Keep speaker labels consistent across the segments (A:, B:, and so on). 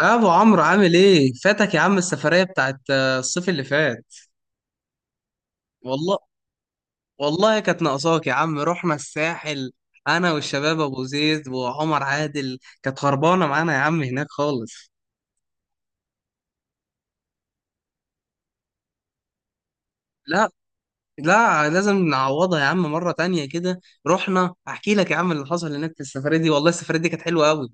A: ابو عمرو عامل ايه؟ فاتك يا عم السفريه بتاعت الصيف اللي فات. والله والله كانت ناقصاك يا عم. رحنا الساحل انا والشباب ابو زيد وعمر عادل. كانت خربانه معانا يا عم هناك خالص. لا لا، لازم نعوضها يا عم مره تانية كده. رحنا، احكي لك يا عم اللي حصل هناك في السفريه دي. والله السفريه دي كانت حلوه قوي.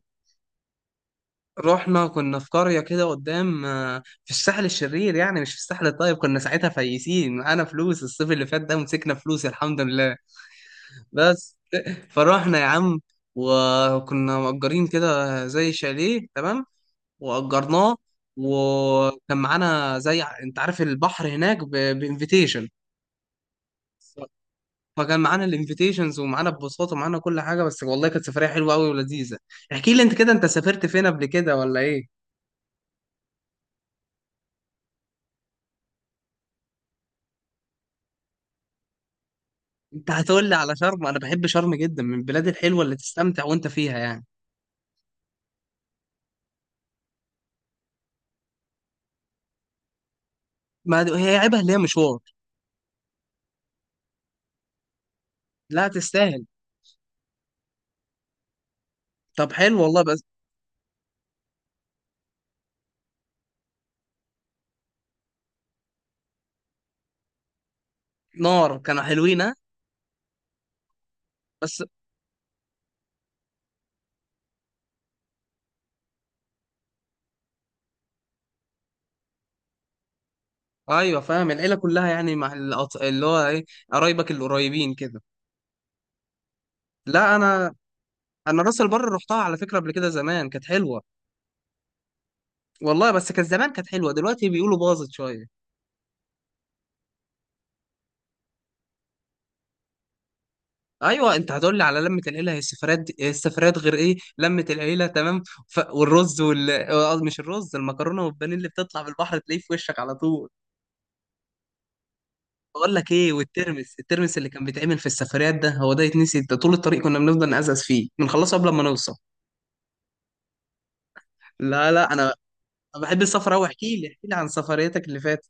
A: رحنا كنا في قريه كده قدام، في الساحل الشرير يعني، مش في الساحل الطيب. كنا ساعتها فايسين معانا فلوس الصيف اللي فات ده، ومسكنا فلوس الحمد لله. بس فروحنا يا عم. وكنا مأجرين كده زي شاليه تمام، وأجرناه. وكان معانا زي انت عارف البحر هناك بانفيتيشن، فكان معانا الانفيتيشنز ومعانا ببساطة ومعانا كل حاجة. بس والله كانت سفرية حلوة قوي ولذيذة. احكي لي انت كده، انت سافرت فين قبل كده ولا ايه؟ انت هتقول لي على شرم؟ انا بحب شرم جدا، من البلاد الحلوة اللي تستمتع وانت فيها يعني. ما هي عيبها اللي هي مشوار. لا، تستاهل. طب حلو والله. بس نار، كانوا حلوين ها؟ بس ايوه فاهم، العيله كلها يعني، مع اللي هو ايه، قرايبك القريبين كده. لا انا، انا راس البر رحتها على فكره قبل كده. زمان كانت حلوه والله، بس كان زمان كانت حلوه، دلوقتي بيقولوا باظت شويه. ايوه، انت هتقول لي على لمه العيله؟ هي السفرات السفرات غير ايه، لمه العيله تمام. والرز وال آه، مش الرز، المكرونه والبانيه اللي بتطلع من البحر تلاقيه في وشك على طول. بقول لك ايه، والترمس، الترمس اللي كان بيتعمل في السفريات ده، هو ده يتنسي؟ ده طول الطريق كنا بنفضل نقزقز فيه، بنخلصه قبل ما نوصل. لا لا انا، أنا بحب السفر أوي. احكي لي عن سفريتك اللي فاتت.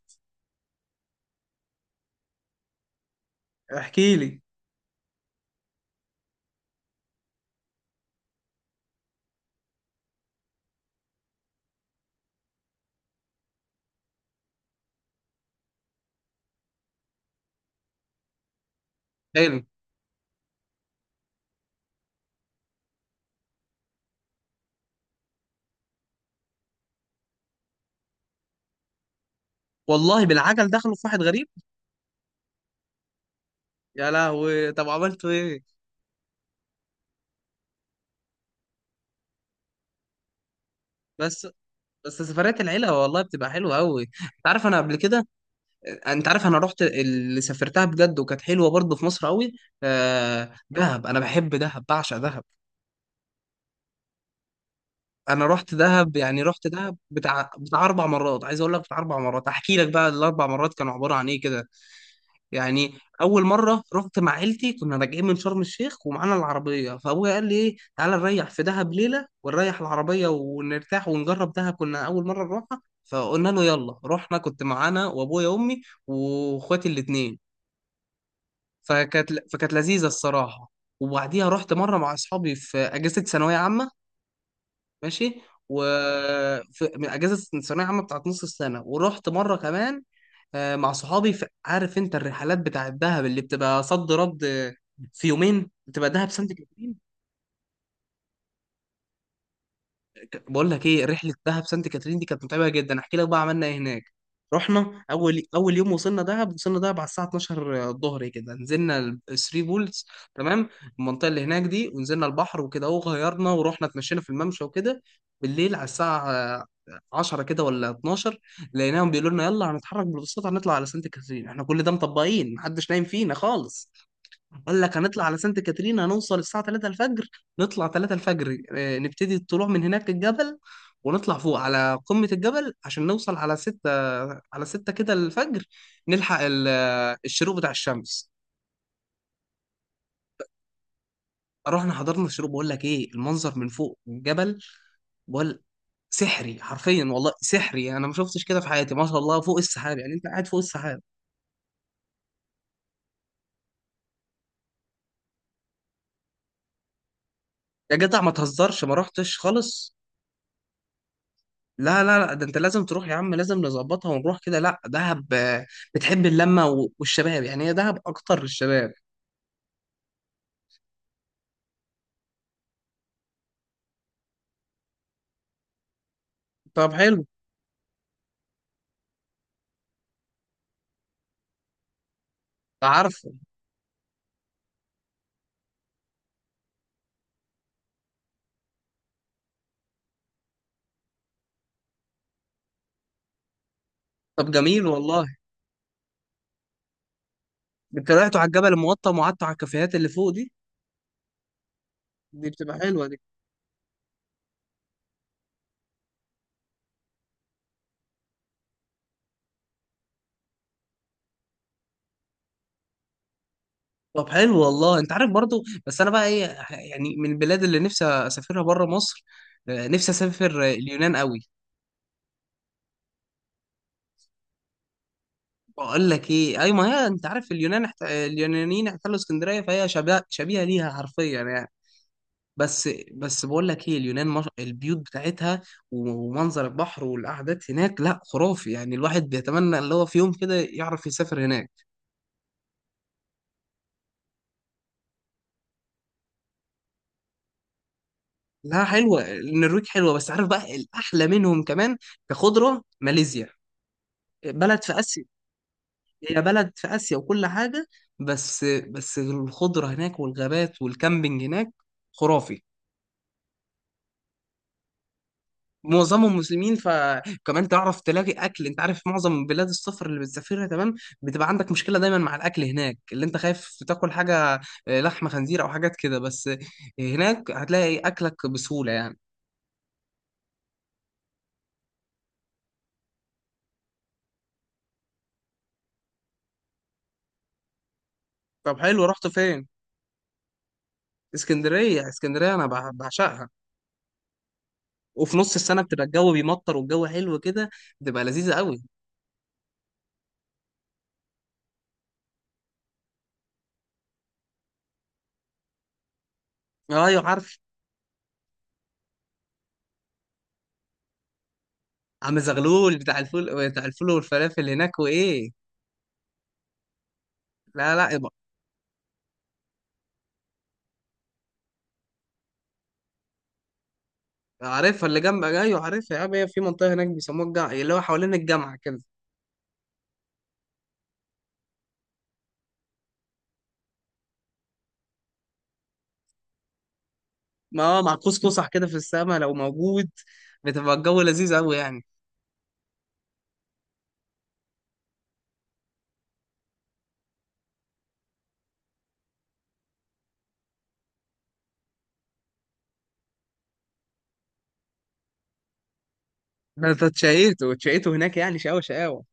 A: احكي لي. حلو والله، بالعجل دخلوا في واحد غريب؟ يا لهوي، طب عملتوا إيه؟ بس بس سفريات العيلة والله بتبقى حلوة أوي. أنت عارف أنا قبل كده، أنت عارف أنا رحت اللي سافرتها بجد، وكانت حلوة برضه في مصر أوي. دهب، أنا بحب دهب، بعشق دهب. أنا رحت دهب يعني، رحت دهب بتاع 4 مرات، عايز أقول لك بتاع 4 مرات. أحكي لك بقى ال4 مرات كانوا عبارة عن إيه كده. يعني اول مره رحت مع عيلتي، كنا راجعين من شرم الشيخ ومعانا العربيه، فابويا قال لي ايه، تعالى نريح في دهب ليله ونريح العربيه ونرتاح ونجرب دهب. كنا اول مره نروحها، فقلنا له يلا. رحنا، كنت معانا وابويا وامي واخواتي الاتنين. فكانت لذيذه الصراحه. وبعديها رحت مره مع اصحابي في اجازه ثانويه عامه. ماشي، و في من اجازه الثانويه عامه بتاعت نص السنه، ورحت مره كمان، مع صحابي. عارف انت الرحلات بتاعت دهب اللي بتبقى صد رد، في يومين بتبقى دهب سانت كاترين. بقول لك ايه، رحله دهب سانت كاترين دي كانت متعبه جدا. احكي لك بقى عملنا ايه هناك. رحنا اول، اول يوم وصلنا دهب، وصلنا دهب على الساعه 12 الظهر كده، نزلنا الثري بولز تمام، المنطقه اللي هناك دي. ونزلنا البحر وكده وغيرنا، ورحنا اتمشينا في الممشى وكده. بالليل على الساعه 10 كده ولا 12، لقيناهم بيقولوا لنا يلا هنتحرك بالبساطه، هنطلع على سانت كاترين. احنا كل ده مطبقين، محدش نايم فينا خالص. قال لك هنطلع على سانت كاترين، هنوصل الساعة 3 الفجر. نطلع 3 الفجر، نبتدي الطلوع من هناك الجبل، ونطلع فوق على قمة الجبل عشان نوصل على 6، على 6 كده الفجر، نلحق الشروق بتاع الشمس. رحنا حضرنا الشروق. بقول لك ايه، المنظر من فوق الجبل، بقول سحري حرفيا، والله سحري، انا ما شفتش كده في حياتي ما شاء الله، فوق السحاب يعني، انت قاعد فوق السحاب. يا جدع ما تهزرش، ما رحتش خالص؟ لا لا لا، ده انت لازم تروح يا عم، لازم نظبطها ونروح كده. لا دهب، بتحب اللمه والشباب يعني، هي دهب اكتر للشباب. طب حلو. عارفه. طب جميل والله. انت طلعتوا على الجبل المقطم وقعدتوا على الكافيهات اللي فوق دي؟ دي بتبقى حلوه دي. طب حلو والله. انت عارف برضو، بس انا بقى ايه، يعني من البلاد اللي نفسي اسافرها بره مصر، نفسي اسافر اليونان قوي. بقول لك ايه، اي ما هي انت عارف اليونان، اليونانيين احتلوا اسكندريه، فهي شبيهه ليها حرفيا يعني. بس بقول لك ايه، اليونان مش... البيوت بتاعتها ومنظر البحر والقعدات هناك، لا خرافي يعني. الواحد بيتمنى اللي هو في يوم كده يعرف يسافر هناك. لا حلوه النرويج، حلوه، بس عارف بقى الاحلى منهم كمان كخضره؟ ماليزيا، بلد في اسيا، هي بلد في اسيا وكل حاجه. بس الخضره هناك والغابات والكامبينج هناك خرافي. معظمهم مسلمين، فكمان تعرف تلاقي اكل. انت عارف معظم بلاد السفر اللي بتسافرها تمام، بتبقى عندك مشكله دايما مع الاكل هناك، اللي انت خايف تاكل حاجه لحمه خنزير او حاجات كده. بس هناك هتلاقي اكلك بسهوله يعني. طب حلو، رحت فين؟ اسكندريه؟ اسكندريه انا بعشقها. وفي نص السنه بتبقى الجو بيمطر، والجو حلو كده، بتبقى لذيذه قوي. ايوه عارف. عم زغلول بتاع الفول، بتاع الفول والفلافل هناك وايه. لا لا، عارفها اللي جنب، ايوه عارفها يا عم، هي في منطقه هناك بيسموها الجامعه، اللي هو حوالين الجامعه كده. ما هو مع قوس قزح كده في السماء لو موجود، بتبقى الجو لذيذ قوي يعني. ده انت اتشقيته، اتشقيته هناك يعني، شقاوه شقاوه.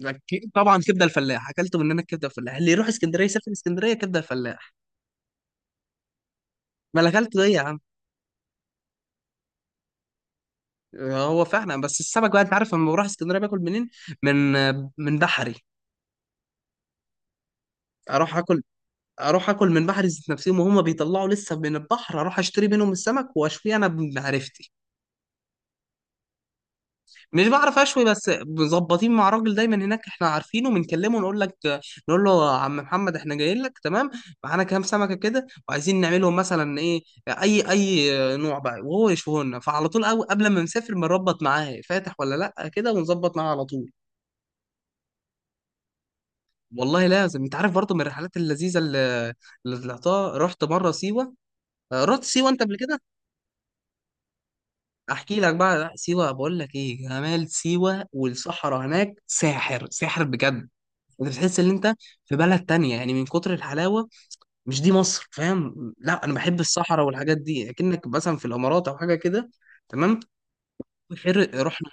A: لكن طبعا كبده الفلاح، اكلته من هناك كبده الفلاح. اللي يروح اسكندريه يسافر اسكندريه كبده الفلاح. ما انا اكلته ايه يا عم. هو فعلا، بس السمك بقى انت عارف لما بروح اسكندريه باكل منين؟ من من بحري. اروح اكل اروح اكل من بحري ذات نفسهم وهم بيطلعوا لسه من البحر. اروح اشتري منهم السمك واشويه انا بمعرفتي. مش بعرف اشوي، بس مظبطين مع راجل دايما هناك احنا عارفينه، بنكلمه نقول لك، نقول له يا عم محمد احنا جايين لك تمام، معانا كام سمكه كده، وعايزين نعملهم مثلا ايه، اي نوع بقى، وهو يشوه لنا. فعلى طول أو قبل ما نسافر بنربط معاه، فاتح ولا لا كده، ونظبط معاه على طول. والله لازم. انت عارف برضه من الرحلات اللذيذه اللي، اللي طلعتها، رحت مره سيوه، رحت سيوه انت قبل كده؟ احكي لك بقى. لا، سيوه بقول لك ايه، جمال سيوه والصحراء هناك ساحر، ساحر بجد. انت بتحس ان انت في بلد تانية يعني، من كتر الحلاوة مش دي مصر فاهم. لا انا بحب الصحراء والحاجات دي، اكنك مثلا في الامارات او حاجة كده. تمام. حر. رحنا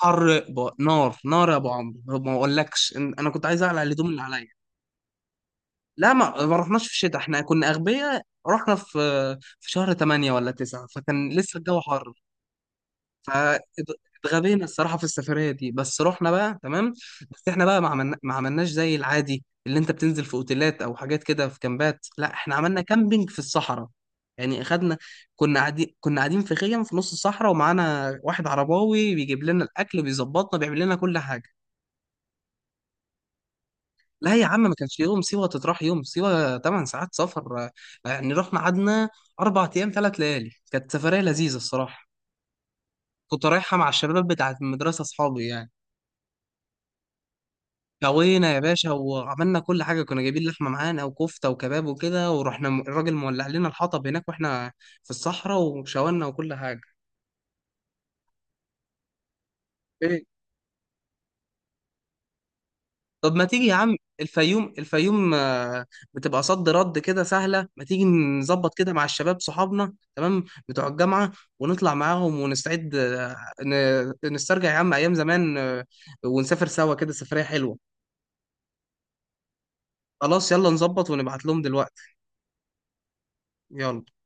A: حر، ب... نار نار يا ابو عمرو، ما اقولكش انا كنت عايز اقلع الهدوم اللي عليا. لا ما رحناش في الشتاء، احنا كنا اغبياء، رحنا في شهر 8 ولا 9، فكان لسه الجو حر. فاتغبينا الصراحه في السفريه دي، بس رحنا بقى تمام. بس احنا بقى ما عملنا، ما عملناش زي العادي اللي انت بتنزل في اوتيلات او حاجات كده في كامبات. لا احنا عملنا كامبينج في الصحراء، يعني اخدنا، كنا قاعدين في خيم في نص الصحراء، ومعانا واحد عرباوي بيجيب لنا الاكل، بيظبطنا، بيعمل لنا كل حاجه. لا يا عم ما كانش يوم، سيوه تتراح يوم؟ سيوه 8 ساعات سفر، يعني رحنا قعدنا 4 ايام 3 ليالي. كانت سفريه لذيذه الصراحه. كنت رايحه مع الشباب بتاعت المدرسه، اصحابي يعني. سوينا يا باشا، وعملنا كل حاجة. كنا جايبين لحمة معانا وكفتة وكباب وكده، ورحنا، الراجل مولع لنا الحطب هناك، واحنا في الصحراء، وشاورنا وكل حاجة. ايه؟ طب ما تيجي يا عم الفيوم بتبقى صد رد كده سهلة. ما تيجي نظبط كده مع الشباب صحابنا تمام بتوع الجامعة، ونطلع معاهم ونستعد، نسترجع يا عم أيام زمان، ونسافر سوا كده سفرية حلوة. خلاص يلا نظبط ونبعت لهم دلوقتي. يلا.